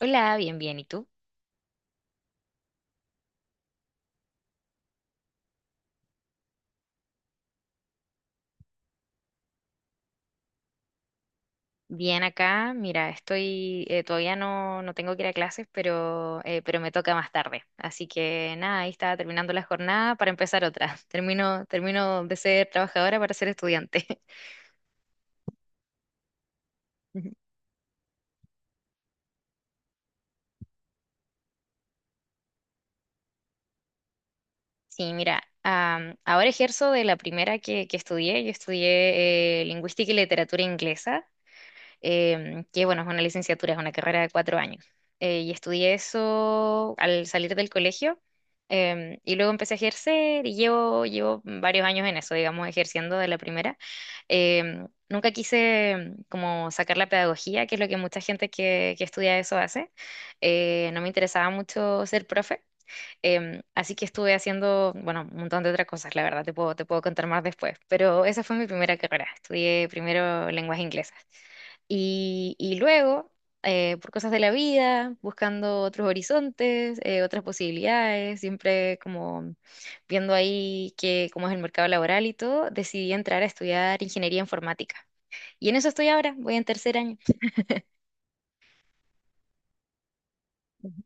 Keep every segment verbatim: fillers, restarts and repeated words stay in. Hola, bien, bien. ¿Y tú? Bien acá. Mira, estoy, eh, todavía no, no tengo que ir a clases, pero, eh, pero me toca más tarde. Así que nada, ahí estaba terminando la jornada para empezar otra. Termino, termino de ser trabajadora para ser estudiante. Ujú. Sí, mira, am, ahora ejerzo de la primera que, que estudié. Yo estudié eh, lingüística y literatura inglesa, em, que bueno, es una licenciatura, es una carrera de cuatro años. Eh, y estudié eso al salir del colegio, em, y luego empecé a ejercer y llevo, llevo varios años en eso, digamos, ejerciendo de la primera. Em, nunca quise em, como sacar la pedagogía, que es lo que mucha gente que, que estudia eso hace. Eh, no me interesaba mucho ser profe. Em, así que estuve haciendo, bueno, un montón de otras cosas, la verdad, te puedo, te puedo contar más después, pero esa fue mi primera carrera. Estudié primero lenguas inglesas y, y luego, eh, por cosas de la vida, buscando otros horizontes, eh, otras posibilidades, siempre como viendo ahí que, cómo es el mercado laboral y todo, decidí entrar a estudiar ingeniería informática. Y en eso estoy ahora, voy en tercer año. Ujú.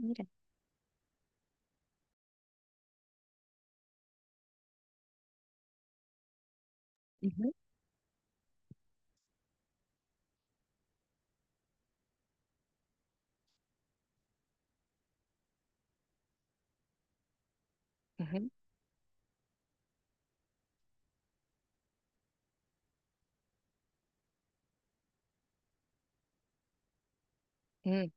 Mira. Ujú. Ujú.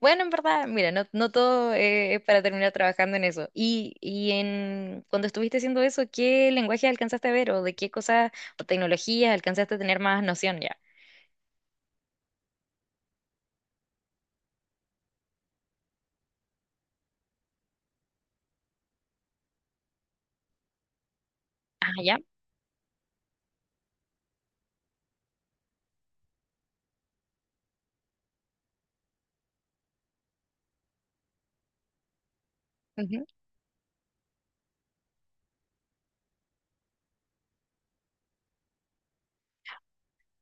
Bueno, en verdad, mira, no, no todo eh, es para terminar trabajando en eso. Y, y en cuando estuviste haciendo eso, ¿qué lenguaje alcanzaste a ver o de qué cosas o tecnologías alcanzaste a tener más noción ya? Ah, ya. Ujú.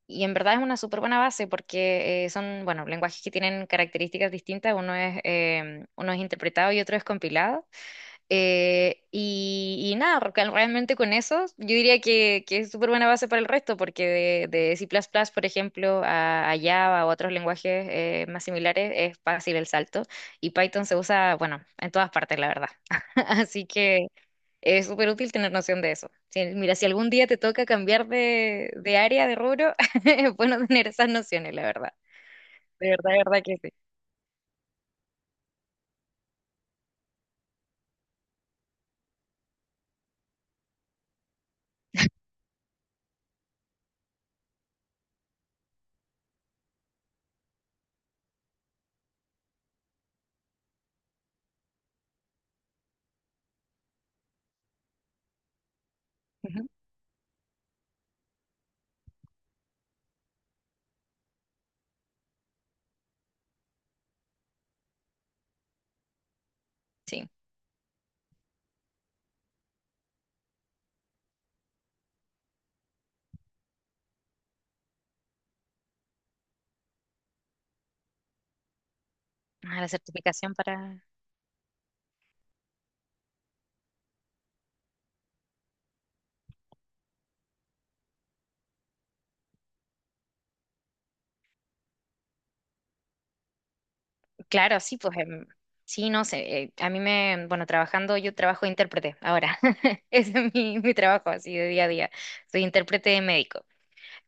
Y en verdad es una súper buena base porque eh, son, bueno, lenguajes que tienen características distintas. Uno es, em, uno es interpretado y otro es compilado. Eh, y, y nada, re- realmente con eso yo diría que, que es súper buena base para el resto, porque de, de C++, por ejemplo, a, a Java o otros lenguajes eh, más similares, es fácil el salto. Y Python se usa, bueno, en todas partes, la verdad. Así que es súper útil tener noción de eso. Si- mira, si algún día te toca cambiar de, de área, de rubro. Es bueno tener esas nociones, la verdad. De verdad, de verdad que sí. Ujú. Sí. Ah, la certificación para... Claro, sí, pues em, sí, no sé, eh, a mí me, bueno, trabajando, yo trabajo de intérprete ahora. Ese es mi, mi trabajo así de día a día, soy intérprete médico.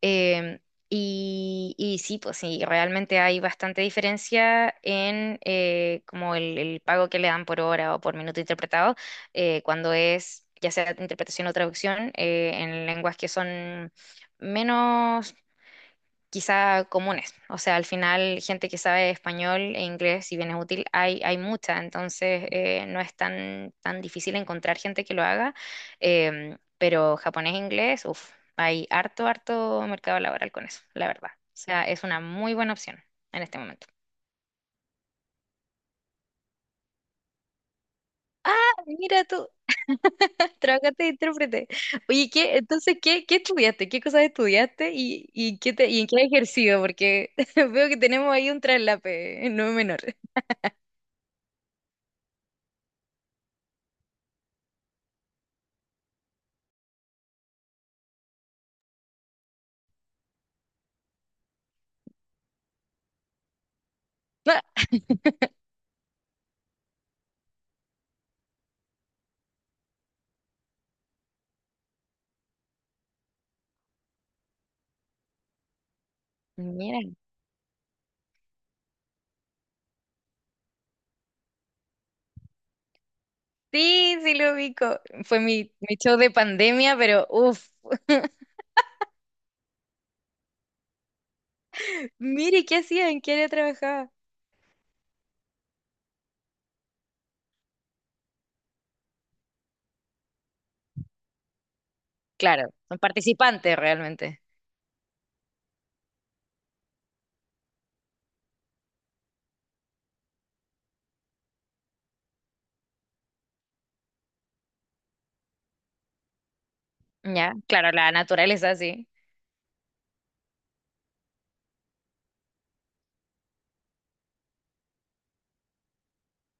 Em, y, y sí, pues sí, realmente hay bastante diferencia en eh, como el, el pago que le dan por hora o por minuto interpretado, eh, cuando es ya sea interpretación o traducción eh, en lenguas que son menos quizá comunes. O sea, al final, gente que sabe español e inglés, si bien es útil, hay, hay mucha. Entonces, eh, no es tan, tan difícil encontrar gente que lo haga. Em, pero japonés e inglés, uff, hay harto, harto mercado laboral con eso, la verdad. O sea, es una muy buena opción en este momento. Ah, mira tú, trabajaste de intérprete. Oye, ¿qué, entonces, ¿qué, qué estudiaste? ¿Qué cosas estudiaste y, y, qué te, y en qué has ejercido? Porque veo que tenemos ahí un traslape, no menor. Mira. Sí, sí lo ubico. Fue mi, mi show de pandemia, pero uff, mire, ¿qué hacía? ¿En qué área trabajaba? Claro, son participantes realmente. Ya, claro, la naturaleza sí.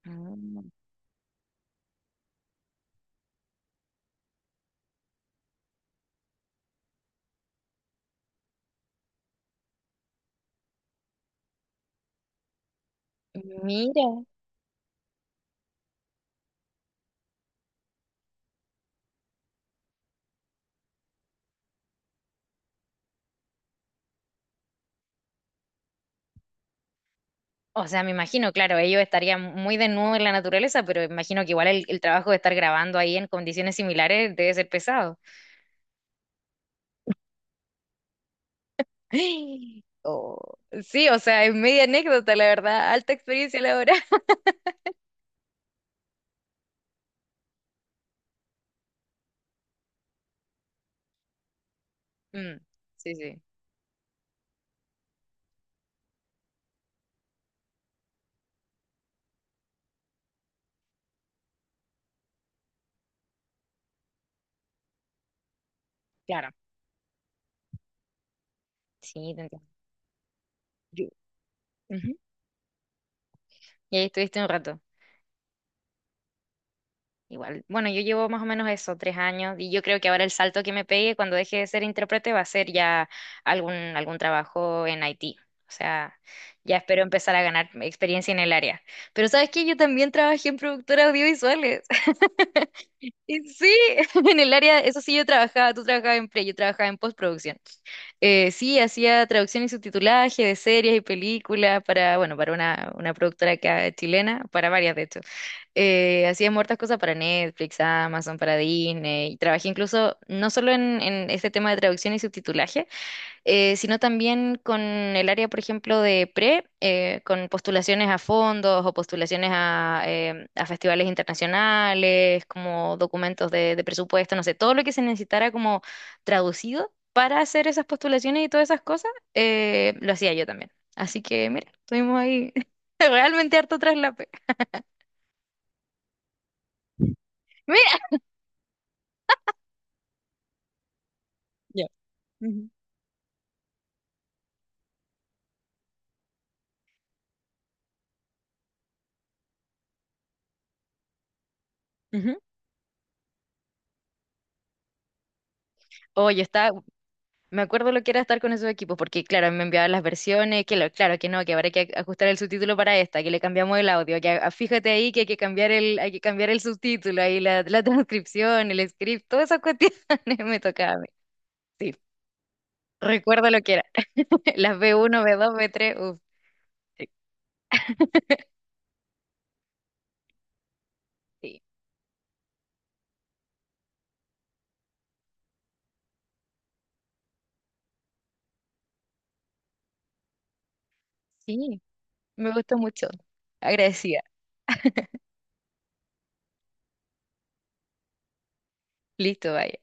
Ah, mira. O sea, me imagino, claro, ellos estarían muy desnudos en la naturaleza, pero imagino que igual el, el trabajo de estar grabando ahí en condiciones similares debe ser pesado. Oh, sí, o sea, es media anécdota, la verdad. Alta experiencia laboral. Mm, sí, sí, claro. Sí, te entiendo. Yo- Ujú. Y ahí estuviste un rato. Igual. Bueno, yo llevo más o menos eso, tres años, y yo creo que ahora el salto que me pegue cuando deje de ser intérprete va a ser ya algún, algún trabajo en Haití. O sea, ya espero empezar a ganar experiencia en el área. Pero ¿sabes qué? Yo también trabajé en productoras audiovisuales. Y Sí, en el área, eso sí, yo trabajaba, tú trabajabas en pre, yo trabajaba en postproducción. Eh, sí, hacía traducción y subtitulaje de series y películas para, bueno, para una, una productora acá chilena, para varias de hecho, eh, hacía muertas cosas para Netflix, Amazon, para Disney. Y trabajé incluso no solo en, en este tema de traducción y subtitulaje, eh, sino también con el área, por ejemplo, de pre, eh, con postulaciones a fondos o postulaciones a, eh, a festivales internacionales, como documentos de, de presupuesto, no sé, todo lo que se necesitara como traducido para hacer esas postulaciones y todas esas cosas, eh, lo hacía yo también. Así que, mira, estuvimos ahí realmente harto traslape. Mira. Ya. Ujú. Ujú. Oye, está, me acuerdo lo que era estar con esos equipos, porque claro, me enviaban las versiones, que lo- claro que no, que habrá que ajustar el subtítulo para esta, que le cambiamos el audio, que ah, fíjate ahí que hay que cambiar el, hay que cambiar el subtítulo, ahí la, la transcripción, el script, todas esas cuestiones me tocaba a mí. Sí, recuerdo lo que era. Las be uno, be dos, be tres. Uff, sí. Sí, me gustó mucho. Agradecida. Listo, vaya.